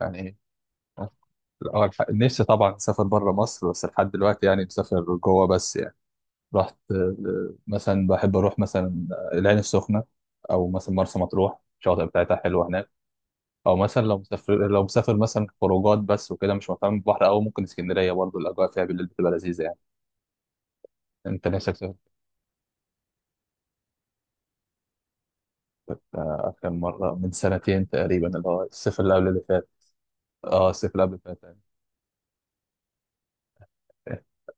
يعني اه نفسي طبعا اسافر بره مصر، بس لحد دلوقتي يعني مسافر جوه بس يعني رحت. مثلا بحب اروح مثلا العين السخنه، او مثلا مرسى مطروح، الشواطئ بتاعتها حلوه هناك. او مثلا لو مسافر مثلا خروجات بس وكده، مش مهتم بالبحر، او ممكن اسكندريه، برضه الاجواء فيها بالليل بتبقى لذيذه يعني. انت نفسك تسافر؟ كان مره من سنتين تقريبا، اللي هو الصيف اللي قبل اللي فات. اه الصيف اللي قبل اللي فات.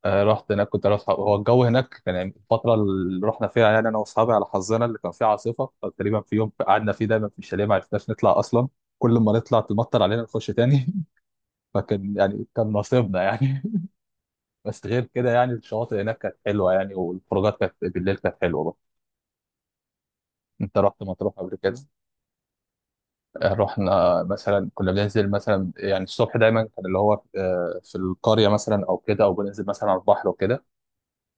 رحت هناك كنت انا واصحابي. هو الجو هناك كان يعني الفتره اللي رحنا فيها، يعني انا واصحابي على حظنا اللي كان فيها عاصفه، فتقريبا في يوم قعدنا فيه دايما في الشاليه، ما عرفناش نطلع اصلا. كل ما نطلع تمطر علينا نخش تاني. فكان يعني كان نصيبنا يعني. بس غير كده يعني الشواطئ هناك كانت حلوه يعني، والخروجات كانت بالليل كانت حلوه برضه. انت رحت مطروح قبل كده؟ رحنا مثلا كنا بننزل مثلا، يعني الصبح دايما كان اللي هو في القريه مثلا او كده، او بننزل مثلا على البحر وكده.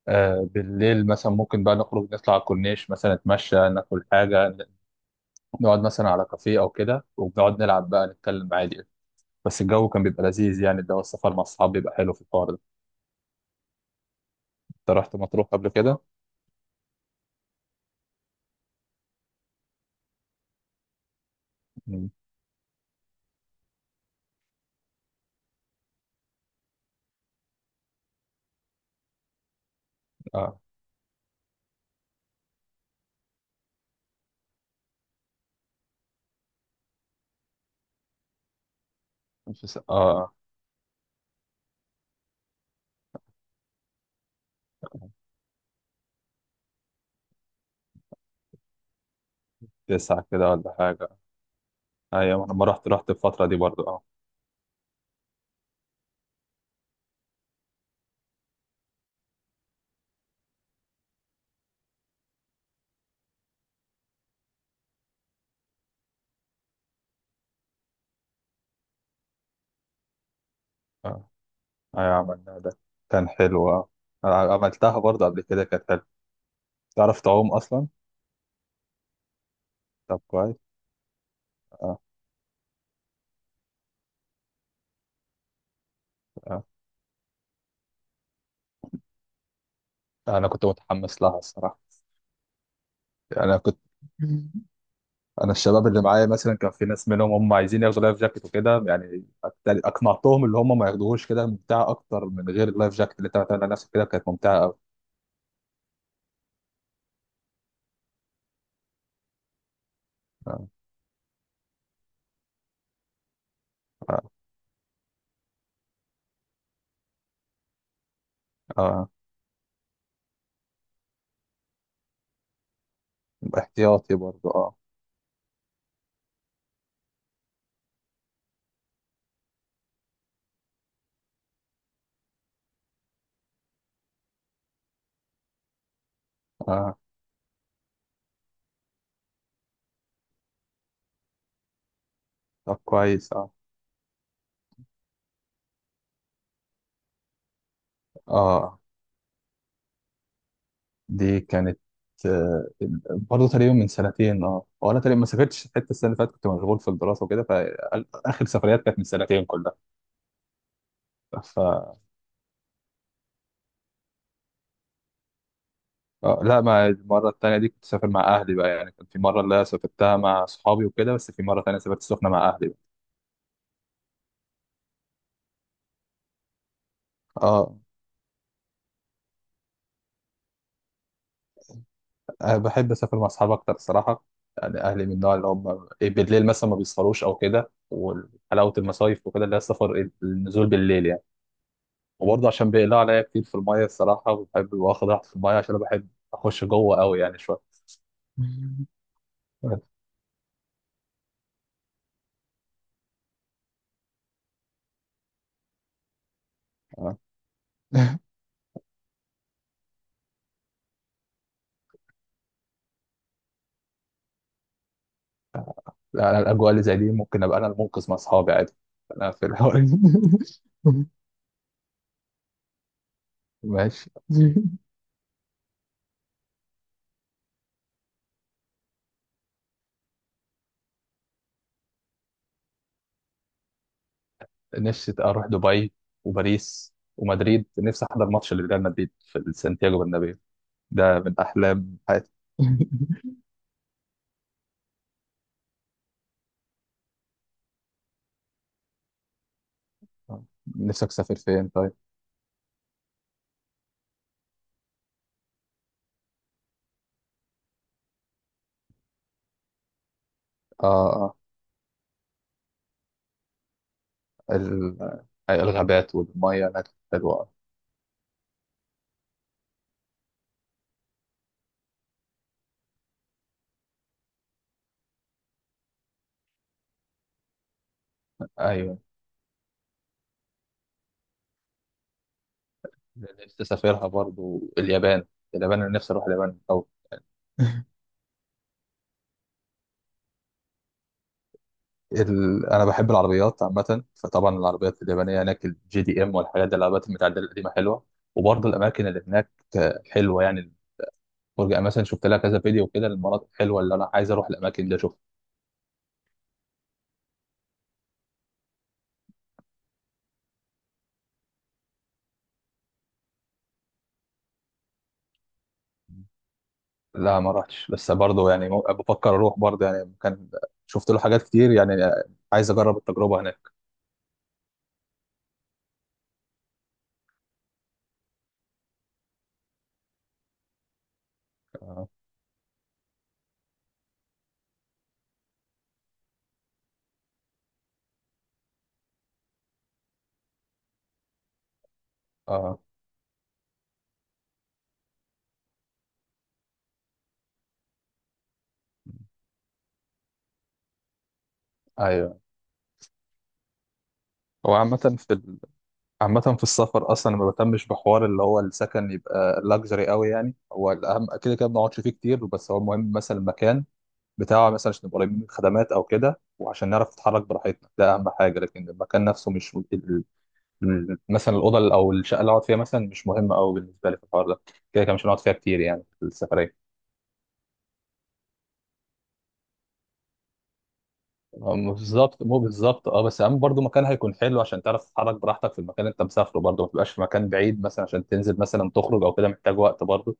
بالليل مثلا ممكن بقى نخرج نطلع على الكورنيش مثلا، نتمشى، ناكل حاجة، نقعد مثلا على كافيه أو كده، وبنقعد نلعب بقى، نتكلم عادي. بس الجو كان بيبقى لذيذ يعني، ده السفر مع الصحاب بيبقى حلو في الحوار ده. أنت رحت مطروح قبل كده؟ مم. اه مش س- اه. تسعة كده ولا حاجة. أيوة أنا لما رحت رحت الفترة دي برضو اه. اه أيوة عملنا ده، كان حلو اه. أنا عملتها برضو قبل كده، كانت حلوة. تعرف تعوم أصلا؟ طب كويس اه. اه أنا كنت متحمس لها الصراحة. أنا كنت انا الشباب اللي معايا مثلا كان في ناس منهم هم عايزين ياخدوا لايف جاكيت وكده، يعني اقنعتهم اللي هم ما ياخدوهوش، كده ممتعه اكتر من غير اللايف جاكيت، اللي انت بتعمل على نفسك كده كانت ممتعه قوي. آه. آه. آه. احتياطي برضو اه. اه طب كويس اه اه. دي كانت آه. برضه تقريبا من سنتين اه، وانا تقريبا ما سافرتش، حتى السنه اللي فاتت كنت مشغول في الدراسه وكده، فاخر سفريات كانت من سنتين كلها. لا ما المرة التانية دي كنت سافر مع أهلي بقى يعني، كان في مرة اللي أنا سافرتها مع أصحابي وكده، بس في مرة تانية سافرت السخنة مع أهلي بقى. اه أنا بحب أسافر مع أصحابي أكتر الصراحة. يعني أهلي من النوع اللي هم إيه، بالليل مثلا ما بيسهروش أو كده، وحلاوة المصايف وكده اللي هي السفر النزول بالليل يعني. وبرضه عشان بيقلقوا عليا كتير في المية الصراحة، وبحب واخد راحتي في المية، عشان أنا بحب أخش جوه أوي يعني شوية. آه. لا أنا الأجواء اللي زي دي ممكن أبقى أنا المنقذ مع أصحابي عادي. أنا في الحوار. ماشي. نفسي اروح دبي وباريس ومدريد، نفسي احضر ماتش لريال مدريد في سانتياغو برنابيو. ده من احلام حياتي. آه. نفسك تسافر فين طيب؟ اه اه. ال- الغابات والميه هناك حلوه. ايوه. نفسي اسافرها برضو اليابان. اليابان انا نفسي اروح اليابان، او انا بحب العربيات عامه، فطبعا العربيات اليابانيه هناك، الجي دي ام والحاجات دي، العربيات المتعدله القديمه حلوه. وبرضو الاماكن اللي هناك حلوه يعني، وارجع مثلا شفت لها كذا فيديو كده، المناطق حلوه اللي انا عايز اروح الاماكن دي اشوفها. لا ما رحتش بس برضه يعني، بفكر اروح برضه يعني، كان شفت له حاجات كتير يعني، عايز اجرب التجربه هناك. اه آه، ايوه. هو عامة عامة في السفر اصلا ما بهتمش بحوار اللي هو السكن يبقى لاكجري قوي يعني، هو الاهم كده كده ما بنقعدش فيه كتير، بس هو المهم مثلا المكان بتاعه مثلا، عشان نبقى قريبين من الخدمات او كده، وعشان نعرف نتحرك براحتنا، ده اهم حاجه. لكن المكان نفسه مش مثلا الاوضه او الشقه اللي اقعد فيها مثلا مش مهمه قوي بالنسبه لي في الحوار ده، كده كده مش هنقعد فيها كتير يعني في السفريه. أم- بالظبط بالظبط اه، بس اهم برضو مكان هيكون حلو عشان تعرف تتحرك براحتك في المكان اللي انت مسافره، برضو ما تبقاش في مكان بعيد مثلا عشان تنزل مثلا تخرج او كده، محتاج وقت برضو.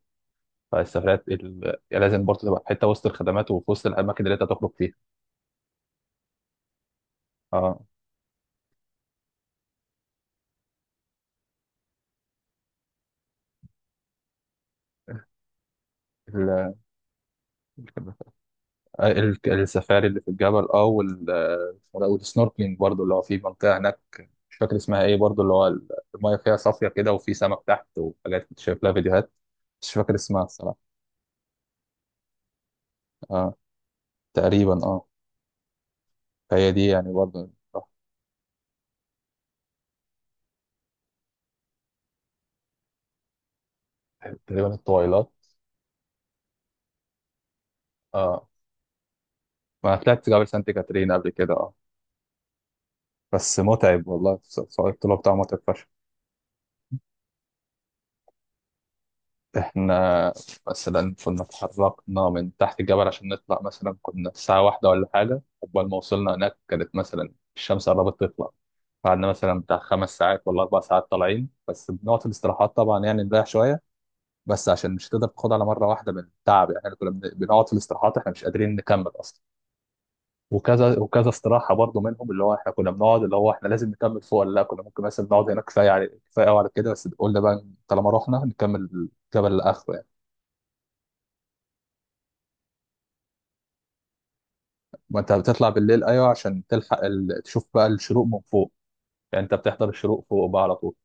فالسفريات لازم برضو تبقى في حته وسط الخدمات، وفي وسط الاماكن اللي انت تخرج فيها. اه ال... السفاري اللي في الجبل اه، والسنوركلينج برضو اللي هو في منطقه هناك، مش فاكر اسمها ايه برضو، اللي هو المايه فيها صافيه كده، وفي سمك تحت وحاجات كنت شايف لها فيديوهات، بس مش فاكر اسمها الصراحه. اه تقريبا اه. فهي دي يعني برضو تقريبا الطويلات. اه ما طلعت جبل سانت كاترين قبل كده اه. بس متعب والله، صعود الطلوع بتاعه متعب فشخ. احنا مثلا كنا اتحركنا من تحت الجبل عشان نطلع، مثلا كنا الساعة واحدة ولا حاجة، قبل ما وصلنا هناك كانت مثلا الشمس قربت تطلع. قعدنا مثلا بتاع 5 ساعات ولا 4 ساعات طالعين، بس بنقعد في الاستراحات طبعا يعني نريح شويه. بس عشان مش هتقدر تاخد على مره واحده من التعب يعني، احنا كنا بنقعد في الاستراحات، احنا مش قادرين نكمل اصلا. وكذا وكذا استراحه برضو منهم، اللي هو احنا كنا بنقعد اللي هو احنا لازم نكمل فوق ولا لا، كنا ممكن مثلا نقعد هنا كفايه، على كفايه قوي على كده، بس قلنا بقى طالما رحنا نكمل الجبل لاخره يعني. ما انت بتطلع بالليل، ايوه عشان تلحق تشوف بقى الشروق من فوق يعني، انت بتحضر الشروق فوق بقى على طول.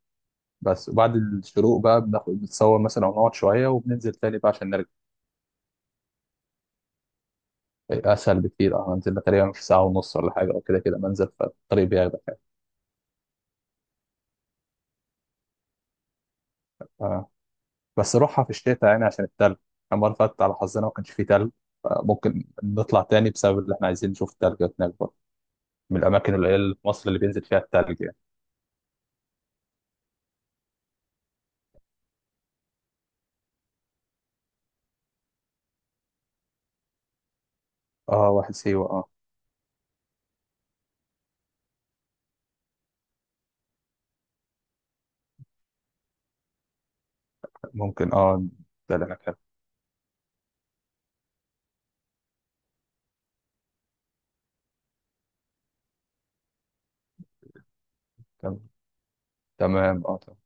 بس وبعد الشروق بقى، بناخد بنتصور مثلا ونقعد شويه، وبننزل تاني بقى عشان نرجع. اسهل بكتير اه، هنزل لها تقريبا في ساعه ونص ولا حاجه او كده، كده منزل، فالطريق بياخدك يعني. آه. بس روحها في الشتاء يعني عشان التلج، المره اللي فاتت على حظنا ما كانش فيه تلج، ممكن نطلع تاني بسبب اللي احنا عايزين نشوف التلج هناك برضه، من الاماكن القليله في مصر اللي بينزل فيها التلج يعني. اه واحد سيوه اه. ممكن اه، ده اللي انا كان. تمام. تمام، اه تمام.